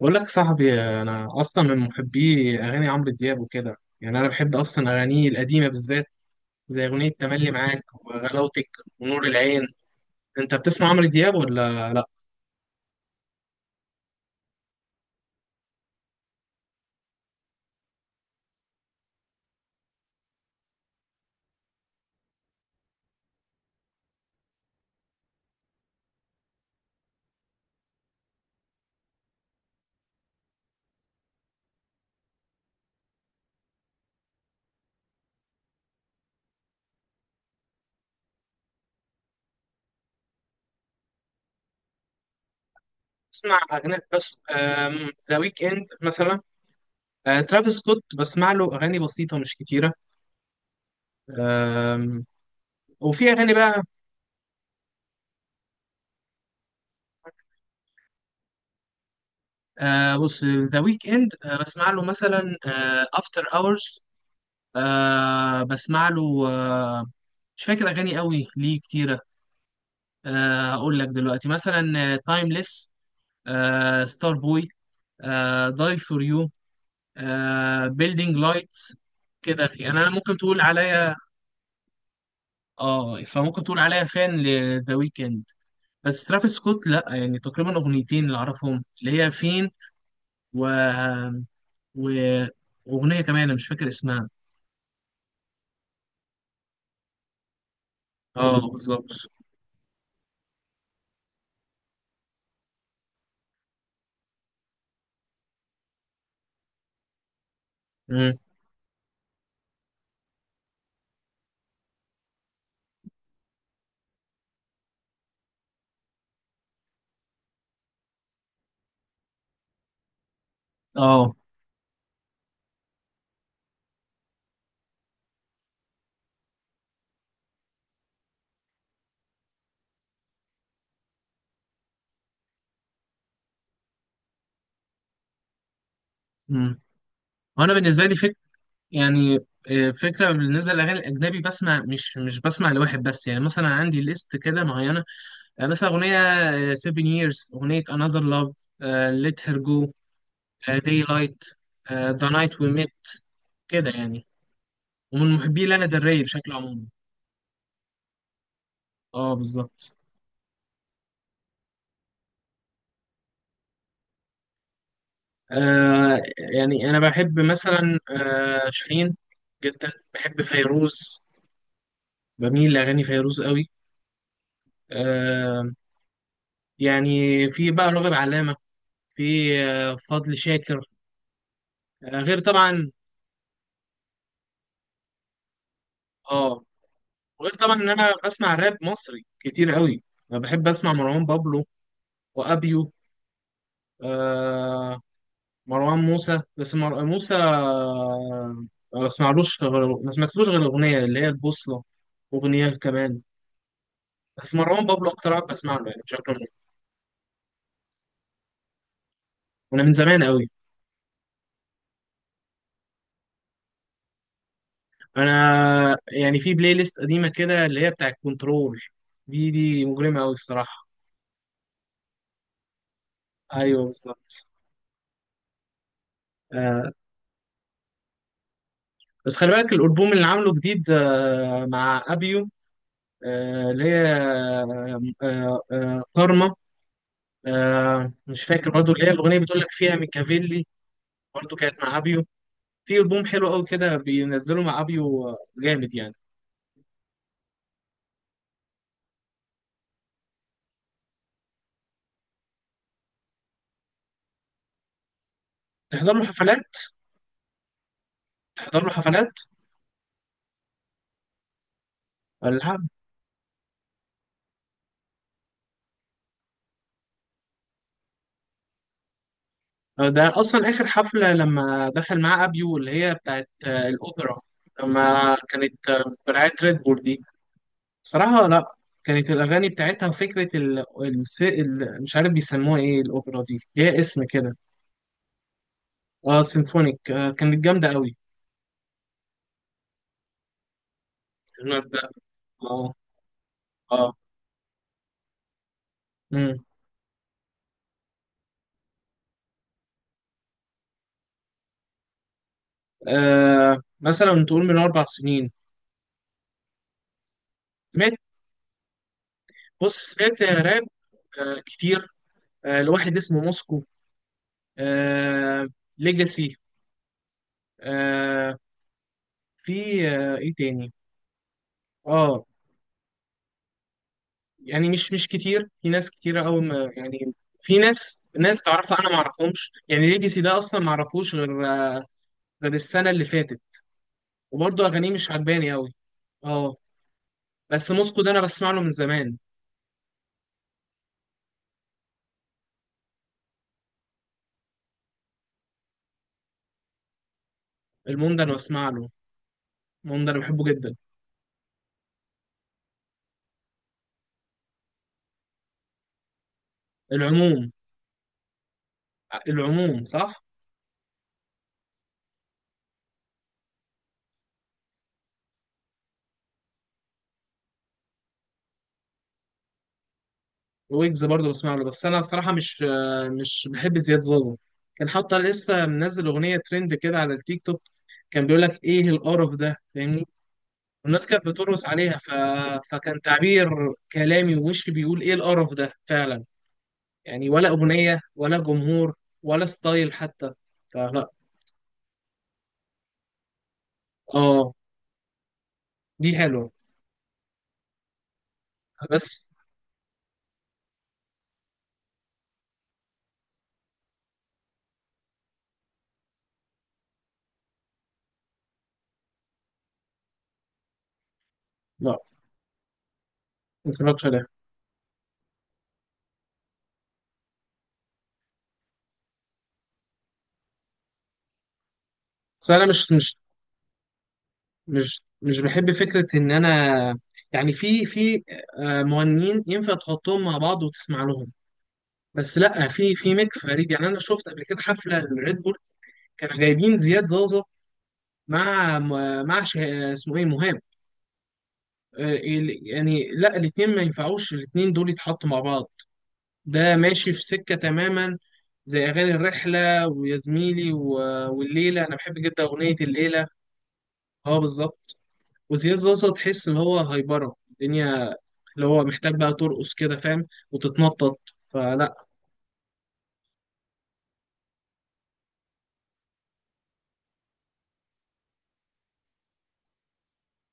بقول لك صاحبي انا اصلا من محبي اغاني عمرو دياب وكده، يعني انا بحب اصلا اغانيه القديمه بالذات، زي اغنيه تملي معاك وغلاوتك ونور العين. انت بتسمع عمرو دياب ولا لا؟ بسمع اغاني بس، ذا ويك اند مثلا. ترافيس سكوت بسمع له اغاني بسيطه مش كتيره. آم، وفي اغاني بقى. بص، ذا ويك اند بسمع له مثلا افتر اورز، بسمع له. آه، مش فاكر اغاني قوي ليه كتيره. اقول لك دلوقتي مثلا: تايمليس، ستار بوي، داي فور يو، بيلدينج لايتس، كده يعني. انا ممكن تقول عليا، اه، فممكن تقول عليا فان لذا ويكند. بس ترافيس سكوت لا، يعني تقريبا اغنيتين اللي اعرفهم، اللي هي فين، و و واغنيه كمان انا مش فاكر اسمها. اه بالظبط. مم. اه. مم. وانا بالنسبه لي، يعني، فكرة بالنسبة للأغاني الأجنبي، بسمع مش بسمع لواحد بس، يعني مثلا عندي ليست كده معينة. مثلا أغنية Seven Years، أغنية Another Love، Let Her Go، Daylight، The Night We Met، كده يعني. ومن محبي لانا del Rey بشكل عمومي. اه بالظبط. آه، يعني أنا بحب مثلا آه شيرين جدا، بحب فيروز، بميل لأغاني فيروز قوي. آه، يعني في بقى راغب علامة، في فضل شاكر. آه، غير طبعا. اه، غير طبعا ان انا بسمع راب مصري كتير قوي. انا بحب اسمع مروان بابلو وابيو. آه، مروان موسى، بس موسى ما بسمعلوش غير، ما سمعتلوش غير الاغنيه اللي هي البوصله، اغنيه كمان. بس مروان بابلو اكتر واحد بسمع له، يعني بشكل عام. وانا من زمان قوي. انا يعني في بلاي ليست قديمه كده اللي هي بتاعت كنترول، دي مجرمه قوي الصراحه. ايوه بالظبط. آه، بس خلي بالك الالبوم اللي عامله جديد مع ابيو، اللي هي كارما. مش فاكر برضو، اللي هيا الاغنيه بتقول لك فيها ميكافيلي، برضو كانت مع ابيو. في البوم حلو قوي كده بينزله مع ابيو، جامد يعني. تحضر له حفلات، تحضر له حفلات ولا حاجة؟ ده اصلا اخر حفله لما دخل مع ابيو، اللي هي بتاعت الاوبرا، لما كانت برعايه ريد بول دي. صراحة لا. كانت الأغاني بتاعتها وفكرة مش عارف بيسموها إيه، الأوبرا دي ليها اسم كده. أه سيمفونيك، آه كانت جامدة أوي. المبدأ، أه. أه. أمم. آه مثلا تقول من أربع سنين، سمعت. بص سمعت راب آه كتير. آه لواحد اسمه موسكو، آه ليجاسي. آه، في آه إيه تاني؟ أه، يعني مش كتير. في ناس كتيرة قوي ما يعني، في ناس تعرفها انا ما اعرفهمش. يعني ليجاسي ده اصلا ما اعرفوش غير، غير السنة اللي فاتت، وبرضه اغانيه مش عجباني قوي. اه. بس موسكو ده انا بسمع له من زمان. المون ده انا بسمع له، المون ده انا بحبه جدا. العموم، العموم صح. ويجز برضه بسمع له، بس انا الصراحة مش، مش بحب زياد زازا. كان حتى لسه منزل اغنية ترند كده على التيك توك، كان بيقول لك ايه القرف ده، فاهمني؟ والناس كانت بترقص عليها، فكان تعبير كلامي ووشي بيقول ايه القرف ده فعلا. يعني ولا اغنيه ولا جمهور ولا ستايل حتى، فلا. اه دي حلوه. بس لا ما اتفرجش عليها. بس انا مش بحب فكره ان انا، يعني في مغنيين ينفع تحطهم مع بعض وتسمع لهم. بس لا، في ميكس غريب. يعني انا شفت قبل كده حفله للريد بول، كانوا جايبين زياد زازا مع، مع اسمه ايه، مهاب. يعني لا، الاتنين ما ينفعوش، الاتنين دول يتحطوا مع بعض. ده ماشي في سكة تماما، زي أغاني الرحلة ويا زميلي والليلة، أنا بحب جدا أغنية الليلة. اه بالظبط. وزياد زوزة تحس إن هو هايبرة الدنيا، اللي هو محتاج بقى ترقص كده، فاهم، وتتنطط، فلا.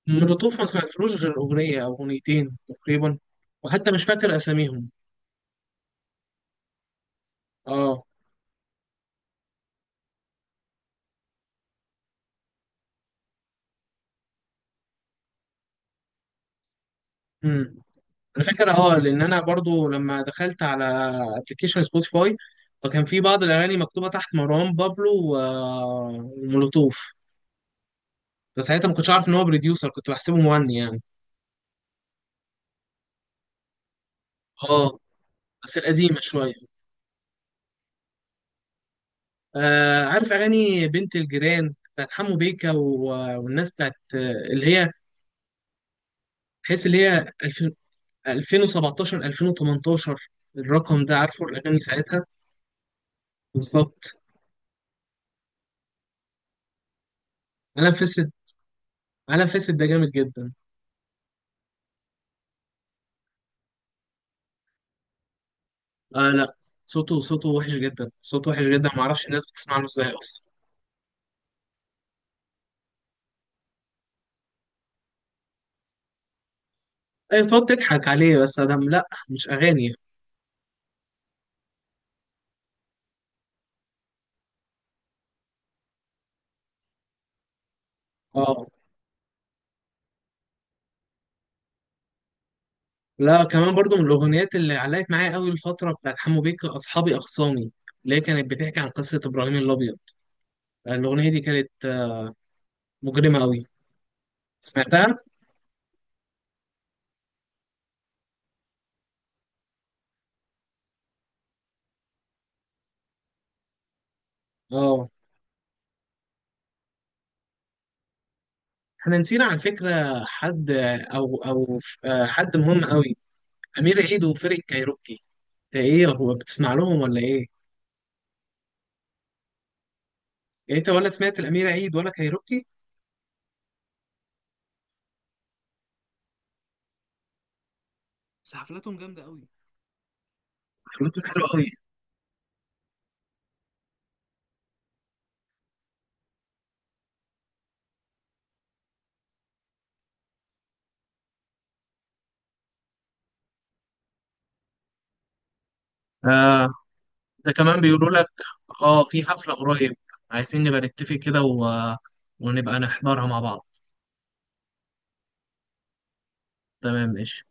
مولوتوف ما سمعتلوش غير أغنية أو أغنيتين تقريبا، وحتى مش فاكر أساميهم. اه. مم. الفكرة، اه، لان انا برضو لما دخلت على ابلكيشن سبوتيفاي، فكان في بعض الاغاني مكتوبة تحت مروان بابلو ومولوتوف، فساعتها ما كنتش عارف ان هو بروديوسر، كنت بحسبه مغني يعني. اه، بس القديمة شوية. آه عارف اغاني بنت الجيران بتاعت حمو بيكا والناس بتاعت، اللي هي، تحس اللي هي 2000، 2017، 2018، الرقم ده، عارفه الاغاني ساعتها بالظبط. عالم فاسد، عالم فاسد ده جامد جدا. آه لا، صوته، صوته وحش جدا، صوته وحش جدا، ما اعرفش الناس بتسمع له ازاي اصلا. ايوه بتقعد تضحك عليه بس، ادم، لا مش اغاني. اه. لا كمان برضو من الاغنيات اللي علقت معايا قوي الفتره بتاعت حمو بيكا اصحابي اخصامي، اللي هي كانت بتحكي عن قصه ابراهيم الابيض. الاغنيه دي كانت مجرمه قوي، سمعتها؟ اه. احنا نسينا على فكره حد، آه، او او آه، حد مهم قوي: امير عيد وفرقه كايروكي. ده ايه، هو بتسمع لهم ولا ايه؟ يعني انت ولا سمعت الامير عيد ولا كايروكي؟ بس حفلاتهم جامده قوي، خليته حلو قوي. آه ده كمان بيقولوا لك اه في حفلة قريب، عايزين نبقى نتفق كده ونبقى نحضرها مع بعض. تمام ماشي.